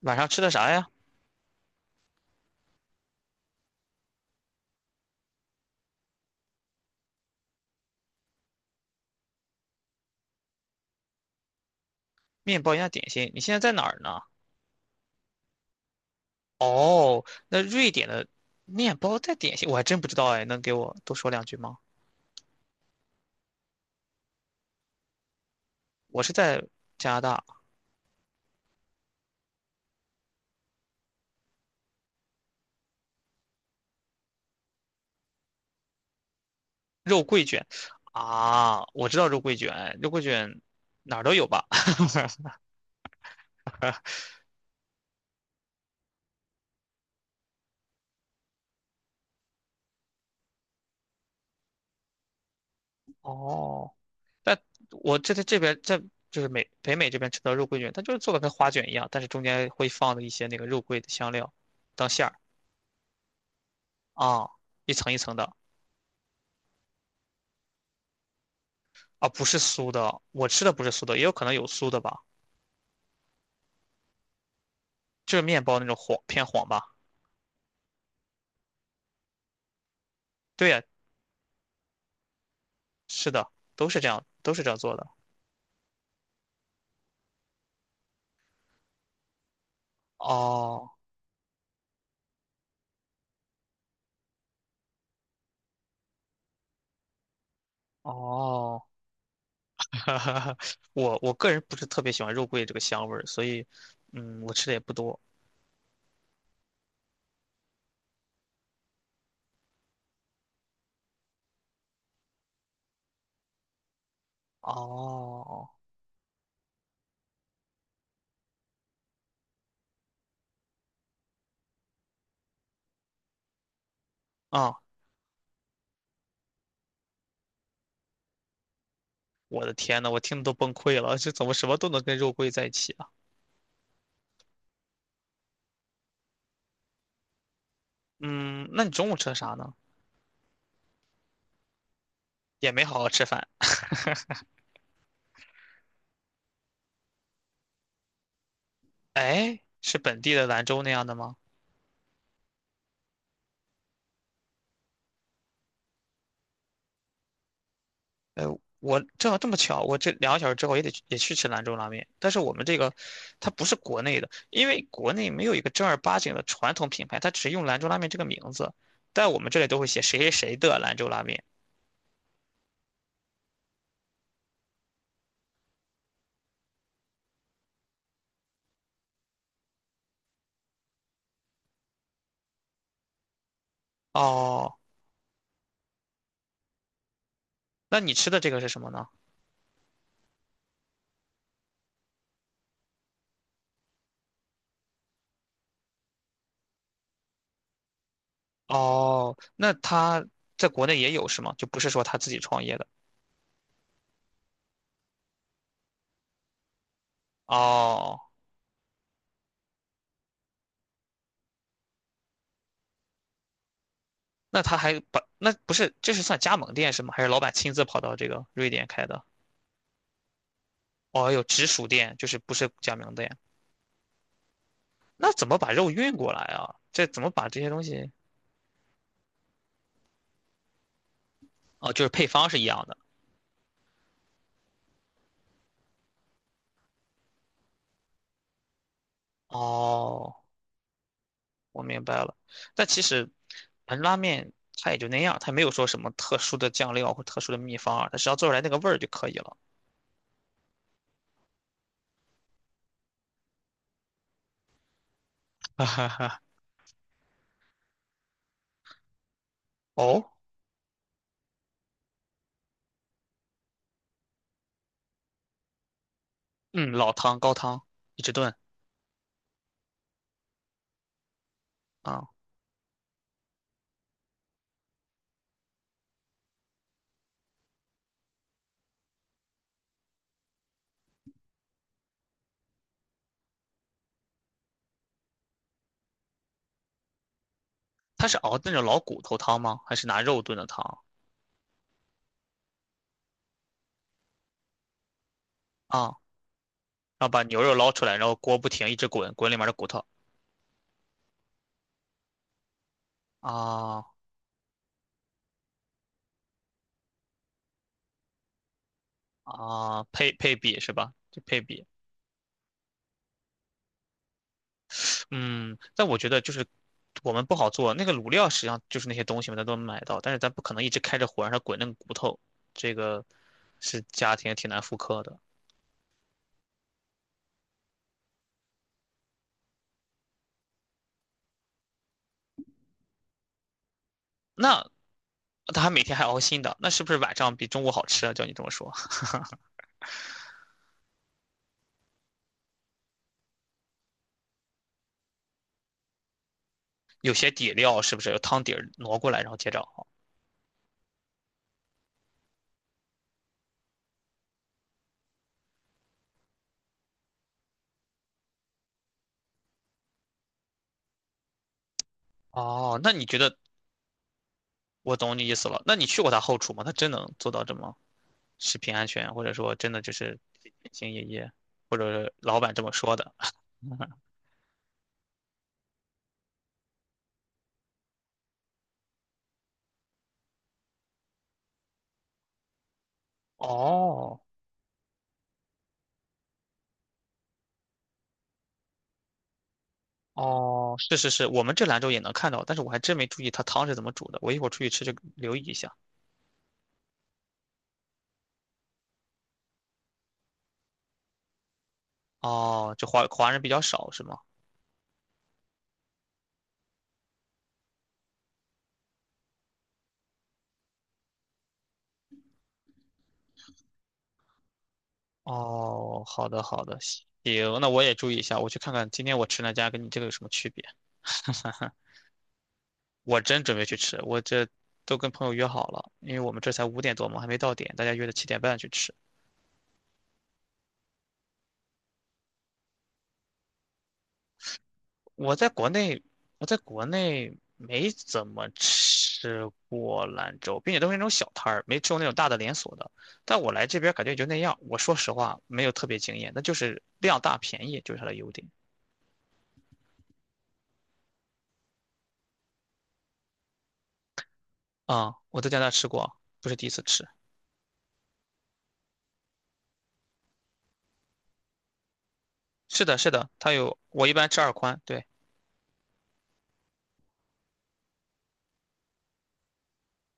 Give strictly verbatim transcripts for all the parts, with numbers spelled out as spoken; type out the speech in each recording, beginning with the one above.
晚上吃的啥呀？面包加点心。你现在在哪儿呢？哦，那瑞典的面包带点心，我还真不知道哎，能给我多说两句吗？我是在加拿大，肉桂卷啊，我知道肉桂卷，肉桂卷哪儿都有吧？哦，但我这在这边在就是美北美这边吃的肉桂卷，它就是做的跟花卷一样，但是中间会放的一些那个肉桂的香料当馅儿啊，一层一层的啊，不是酥的，我吃的不是酥的，也有可能有酥的吧。就是面包那种黄偏黄吧？对呀，是的，都是这样，都是这样做的。哦哦，我我个人不是特别喜欢肉桂这个香味儿，所以嗯，我吃的也不多。哦啊，我的天呐，我听的都崩溃了，这怎么什么都能跟肉桂在一起啊？嗯，那你中午吃的啥呢？也没好好吃饭。哎，是本地的兰州那样的吗？呃，我正好这么巧，我这两个小时之后也得去也去吃兰州拉面，但是我们这个它不是国内的，因为国内没有一个正儿八经的传统品牌，它只用兰州拉面这个名字，在我们这里都会写谁谁谁的兰州拉面。哦，那你吃的这个是什么呢？哦，那他在国内也有是吗？就不是说他自己创业的。哦，那他还把那不是这是算加盟店是吗？还是老板亲自跑到这个瑞典开的？哦，有直属店，就是不是加盟店。那怎么把肉运过来啊？这怎么把这些东西？哦，就是配方是一样的。哦，我明白了。但其实，盆拉面它也就那样，它没有说什么特殊的酱料或特殊的秘方啊，它只要做出来那个味儿就可以了。哈哈哈。哦，嗯，老汤、高汤一直炖啊，它是熬那种老骨头汤吗？还是拿肉炖的汤啊？然后把牛肉捞出来，然后锅不停一直滚，滚里面的骨头啊啊，配配比是吧？就配比。嗯，但我觉得就是我们不好做，那个卤料实际上就是那些东西嘛，咱都能买到，但是咱不可能一直开着火让它滚那个骨头，这个是家庭挺难复刻的。那他还每天还熬新的，那是不是晚上比中午好吃啊？照你这么说，有些底料是不是有汤底儿挪过来然后接着熬？哦，那你觉得我懂你意思了？那你去过他后厨吗？他真能做到这么食品安全，或者说真的就是兢兢业业，或者是老板这么说的？哦，哦，是是是，我们这兰州也能看到，但是我还真没注意它汤是怎么煮的。我一会儿出去吃就留意一下。哦，这华华人比较少是吗？哦，好的好的，行，那我也注意一下，我去看看今天我吃那家跟你这个有什么区别。我真准备去吃，我这都跟朋友约好了，因为我们这才五点多嘛，还没到点，大家约的七点半去吃。我在国内，我在国内没怎么吃过兰州，并且都是那种小摊儿，没吃过那种大的连锁的。但我来这边感觉也就那样。我说实话，没有特别惊艳，那就是量大便宜，就是它的优点。啊、我在加拿大吃过，不是第一次吃。是的，是的，它有，我一般吃二宽，对，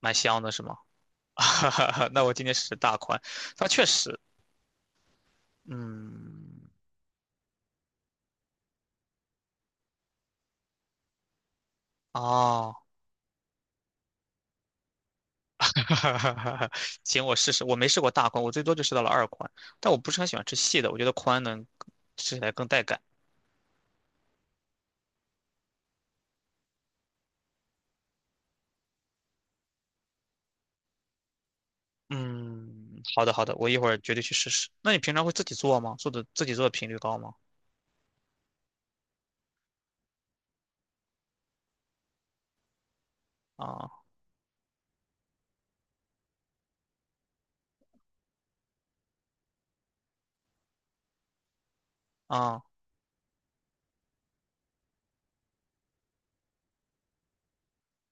蛮香的，是吗？哈哈哈那我今天试试大宽，它确实，嗯，哦。哈哈哈哈行，我试试。我没试过大宽，我最多就试到了二宽，但我不是很喜欢吃细的，我觉得宽能吃起来更带感。嗯，好的好的，我一会儿绝对去试试。那你平常会自己做吗？做的自己做的频率高吗？啊啊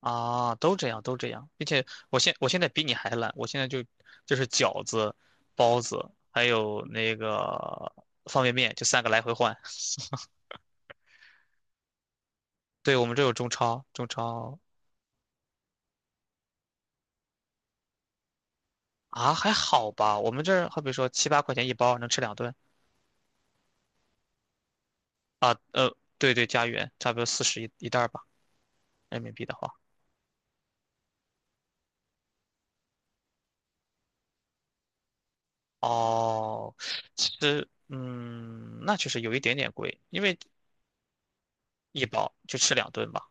啊，都这样都这样，并且我现我现在比你还懒，我现在就就是饺子、包子，还有那个方便面，就三个来回换。对，我们这有中超，中超啊还好吧，我们这儿好比说七八块钱一包，能吃两顿。啊，呃，对对，加元差不多四十一一袋儿吧，人民币的话。哦，其实，嗯，那确实有一点点贵，因为一包就吃两顿吧。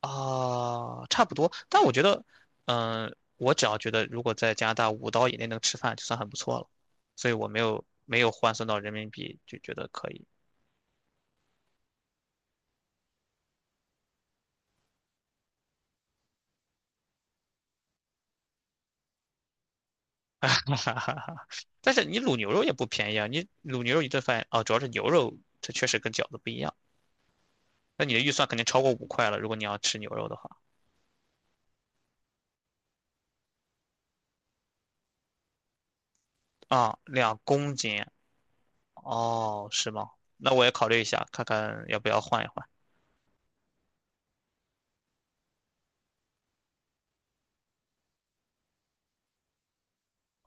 啊，差不多。但我觉得，嗯，我只要觉得如果在加拿大五刀以内能吃饭，就算很不错了。所以我没有没有换算到人民币，就觉得可以。哈哈哈。但是你卤牛肉也不便宜啊，你卤牛肉一顿饭啊，主要是牛肉，它确实跟饺子不一样。那你的预算肯定超过五块了，如果你要吃牛肉的话。啊，两公斤，哦，是吗？那我也考虑一下，看看要不要换一换。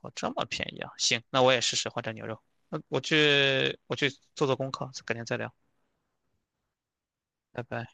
哦，这么便宜啊！行，那我也试试换成牛肉。那我去，我去做做功课，改天再聊，拜拜。